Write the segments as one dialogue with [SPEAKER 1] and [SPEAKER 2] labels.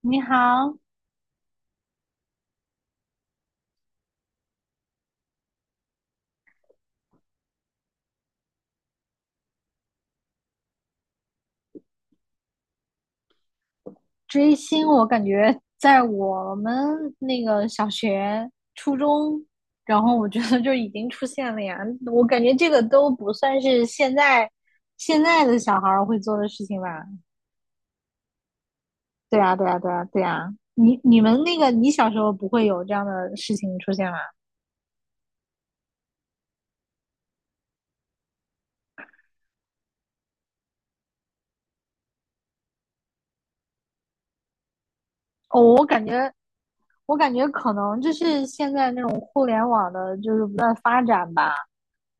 [SPEAKER 1] 你好。追星我感觉在我们那个小学、初中，然后我觉得就已经出现了呀。我感觉这个都不算是现在的小孩儿会做的事情吧？对啊，对啊，对啊，对啊。你们那个，你小时候不会有这样的事情出现吗？哦，我感觉可能就是现在那种互联网的，就是不断发展吧。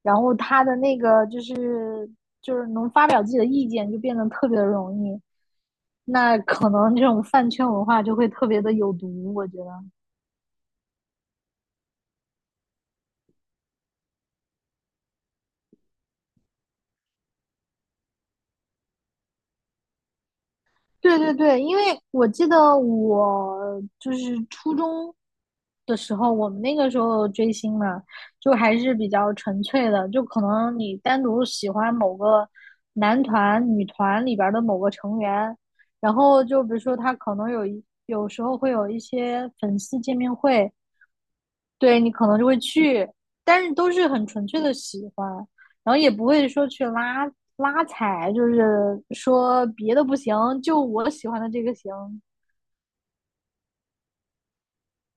[SPEAKER 1] 然后他的那个就是能发表自己的意见就变得特别的容易，那可能这种饭圈文化就会特别的有毒，我觉得。对对对。因为我记得我就是初中的时候，我们那个时候追星嘛，就还是比较纯粹的，就可能你单独喜欢某个男团、女团里边的某个成员，然后就比如说他可能有时候会有一些粉丝见面会，对你可能就会去，但是都是很纯粹的喜欢，然后也不会说去拉踩，就是说别的不行，就我喜欢的这个行。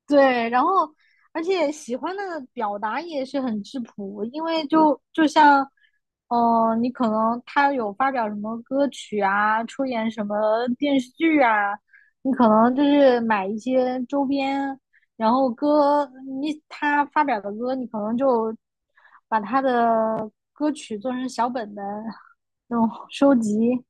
[SPEAKER 1] 对，然后而且喜欢的表达也是很质朴，因为就像，你可能他有发表什么歌曲啊，出演什么电视剧啊，你可能就是买一些周边，然后歌，他发表的歌，你可能就歌曲做成小本本那种收集。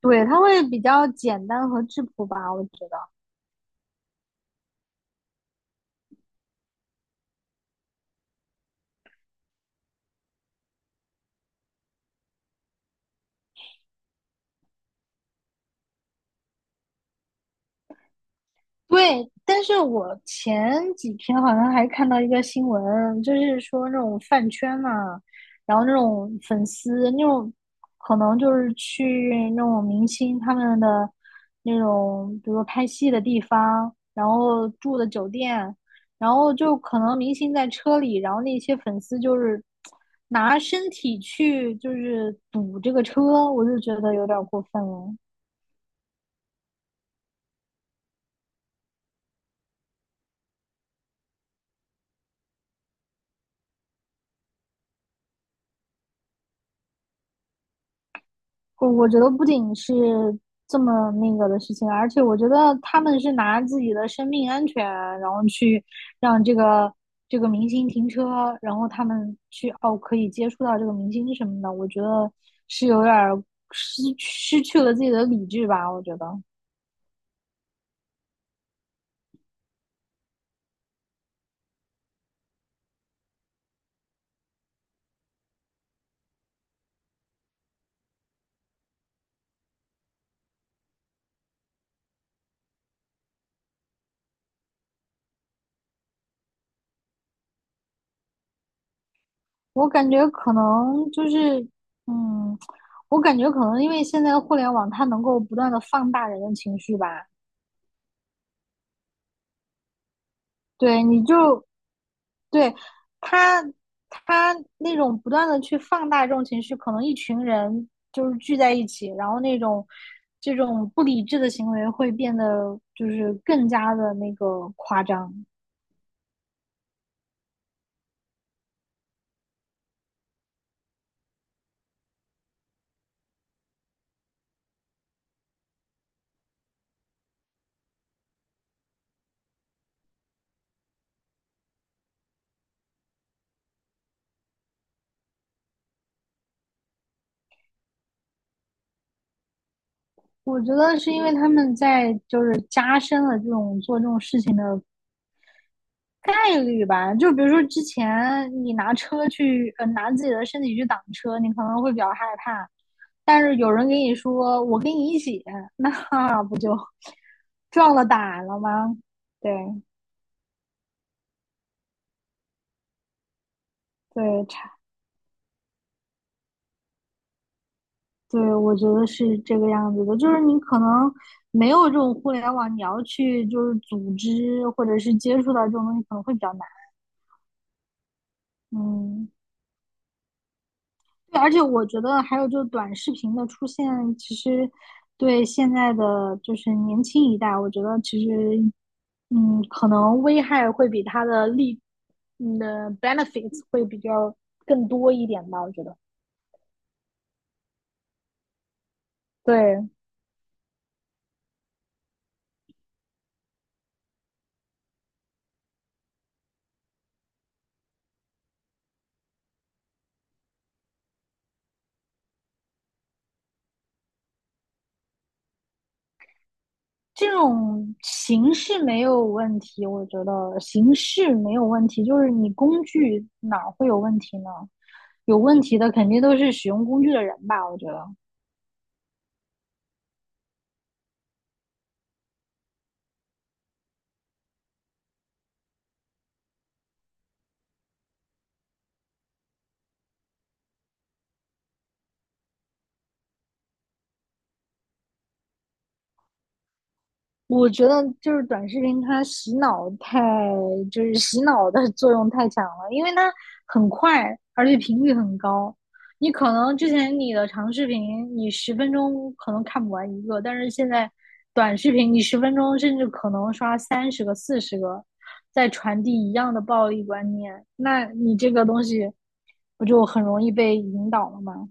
[SPEAKER 1] 对，它会比较简单和质朴吧，我觉得。对，但是我前几天好像还看到一个新闻，就是说那种饭圈嘛，然后那种粉丝，那种可能就是去那种明星他们的那种，比如说拍戏的地方，然后住的酒店，然后就可能明星在车里，然后那些粉丝就是拿身体去就是堵这个车，我就觉得有点过分了。我觉得不仅是这么那个的事情，而且我觉得他们是拿自己的生命安全，然后去让这个明星停车，然后他们去哦可以接触到这个明星什么的，我觉得是有点儿失去了自己的理智吧。我觉得，我感觉可能就是嗯，我感觉可能因为现在的互联网，它能够不断的放大人的情绪吧。对，对，他他那种不断的去放大这种情绪，可能一群人就是聚在一起，然后那种这种不理智的行为会变得就是更加的那个夸张。我觉得是因为他们在就是加深了这种做这种事情的概率吧。就比如说之前你拿车去，拿自己的身体去挡车，你可能会比较害怕，但是有人给你说我跟你一起撞了打了吗？对，对。对，我觉得是这个样子的，就是你可能没有这种互联网，你要去就是组织或者是接触到这种东西，可能会比较难。嗯，对，而且我觉得还有就是短视频的出现，其实对现在的就是年轻一代，我觉得其实可能危害会比它的利的 benefits 会比较更多一点吧，我觉得。对，这种形式没有问题，我觉得形式没有问题，就是你工具哪会有问题呢？有问题的肯定都是使用工具的人吧，我觉得。我觉得就是短视频，它洗脑太，就是洗脑的作用太强了，因为它很快，而且频率很高。你可能之前你的长视频，你十分钟可能看不完一个，但是现在短视频，你十分钟甚至可能刷30个、40个，在传递一样的暴力观念，那你这个东西不就很容易被引导了吗？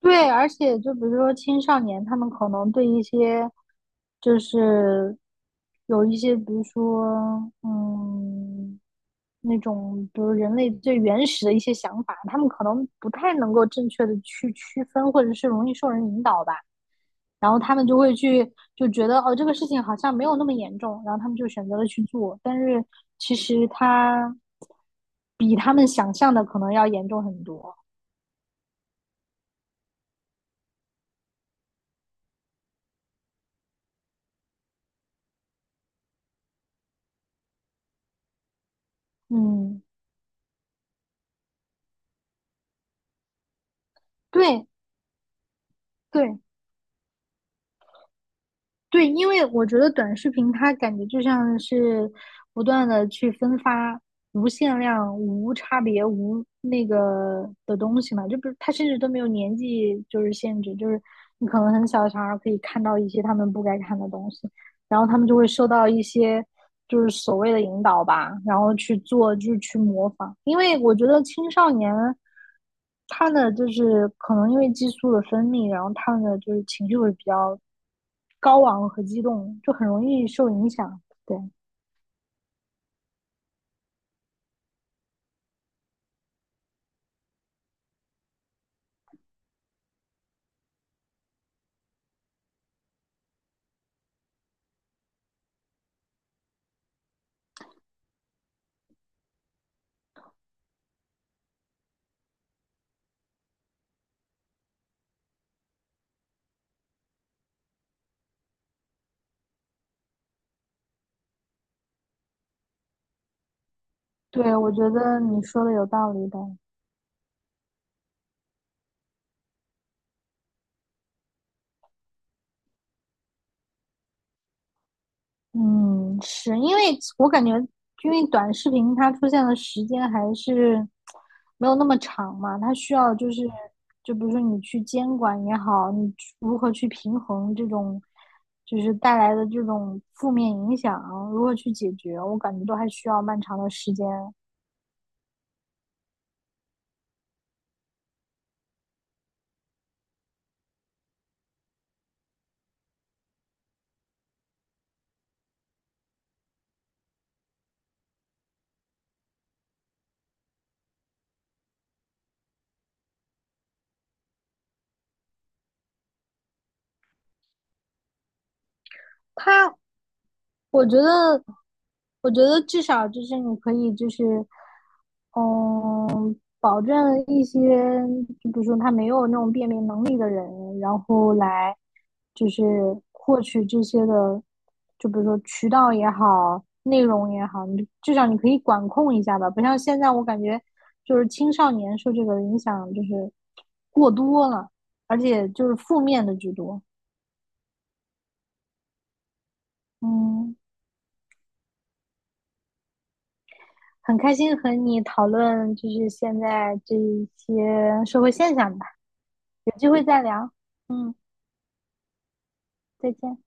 [SPEAKER 1] 对，而且就比如说青少年，他们可能对一些就是有一些，比如说嗯，那种比如人类最原始的一些想法，他们可能不太能够正确的去区分，或者是容易受人引导吧。然后他们就会去就觉得哦，这个事情好像没有那么严重，然后他们就选择了去做，但是其实他比他们想象的可能要严重很多。嗯，对。对，对，因为我觉得短视频它感觉就像是不断的去分发无限量、无差别、无那个的东西嘛，就不是它甚至都没有年纪就是限制，就是你可能很小的小孩可以看到一些他们不该看的东西，然后他们就会受到一些就是所谓的引导吧，然后去做，就是去模仿。因为我觉得青少年他的就是可能因为激素的分泌，然后他们的就是情绪会比较高昂和激动，就很容易受影响。对，对，我觉得你说的有道理的。嗯，是因为我感觉，因为短视频它出现的时间还是没有那么长嘛，它需要就是，就比如说你去监管也好，你去如何去平衡这种就是带来的这种负面影响，如何去解决，我感觉都还需要漫长的时间。它我觉得，我觉得至少就是你可以就是，嗯，保证一些，就比如说他没有那种辨别能力的人，然后来就是获取这些的，就比如说渠道也好，内容也好，你至少你可以管控一下吧，不像现在我感觉就是青少年受这个影响就是过多了，而且就是负面的居多。嗯。很开心和你讨论，就是现在这一些社会现象吧，有机会再聊。嗯，再见。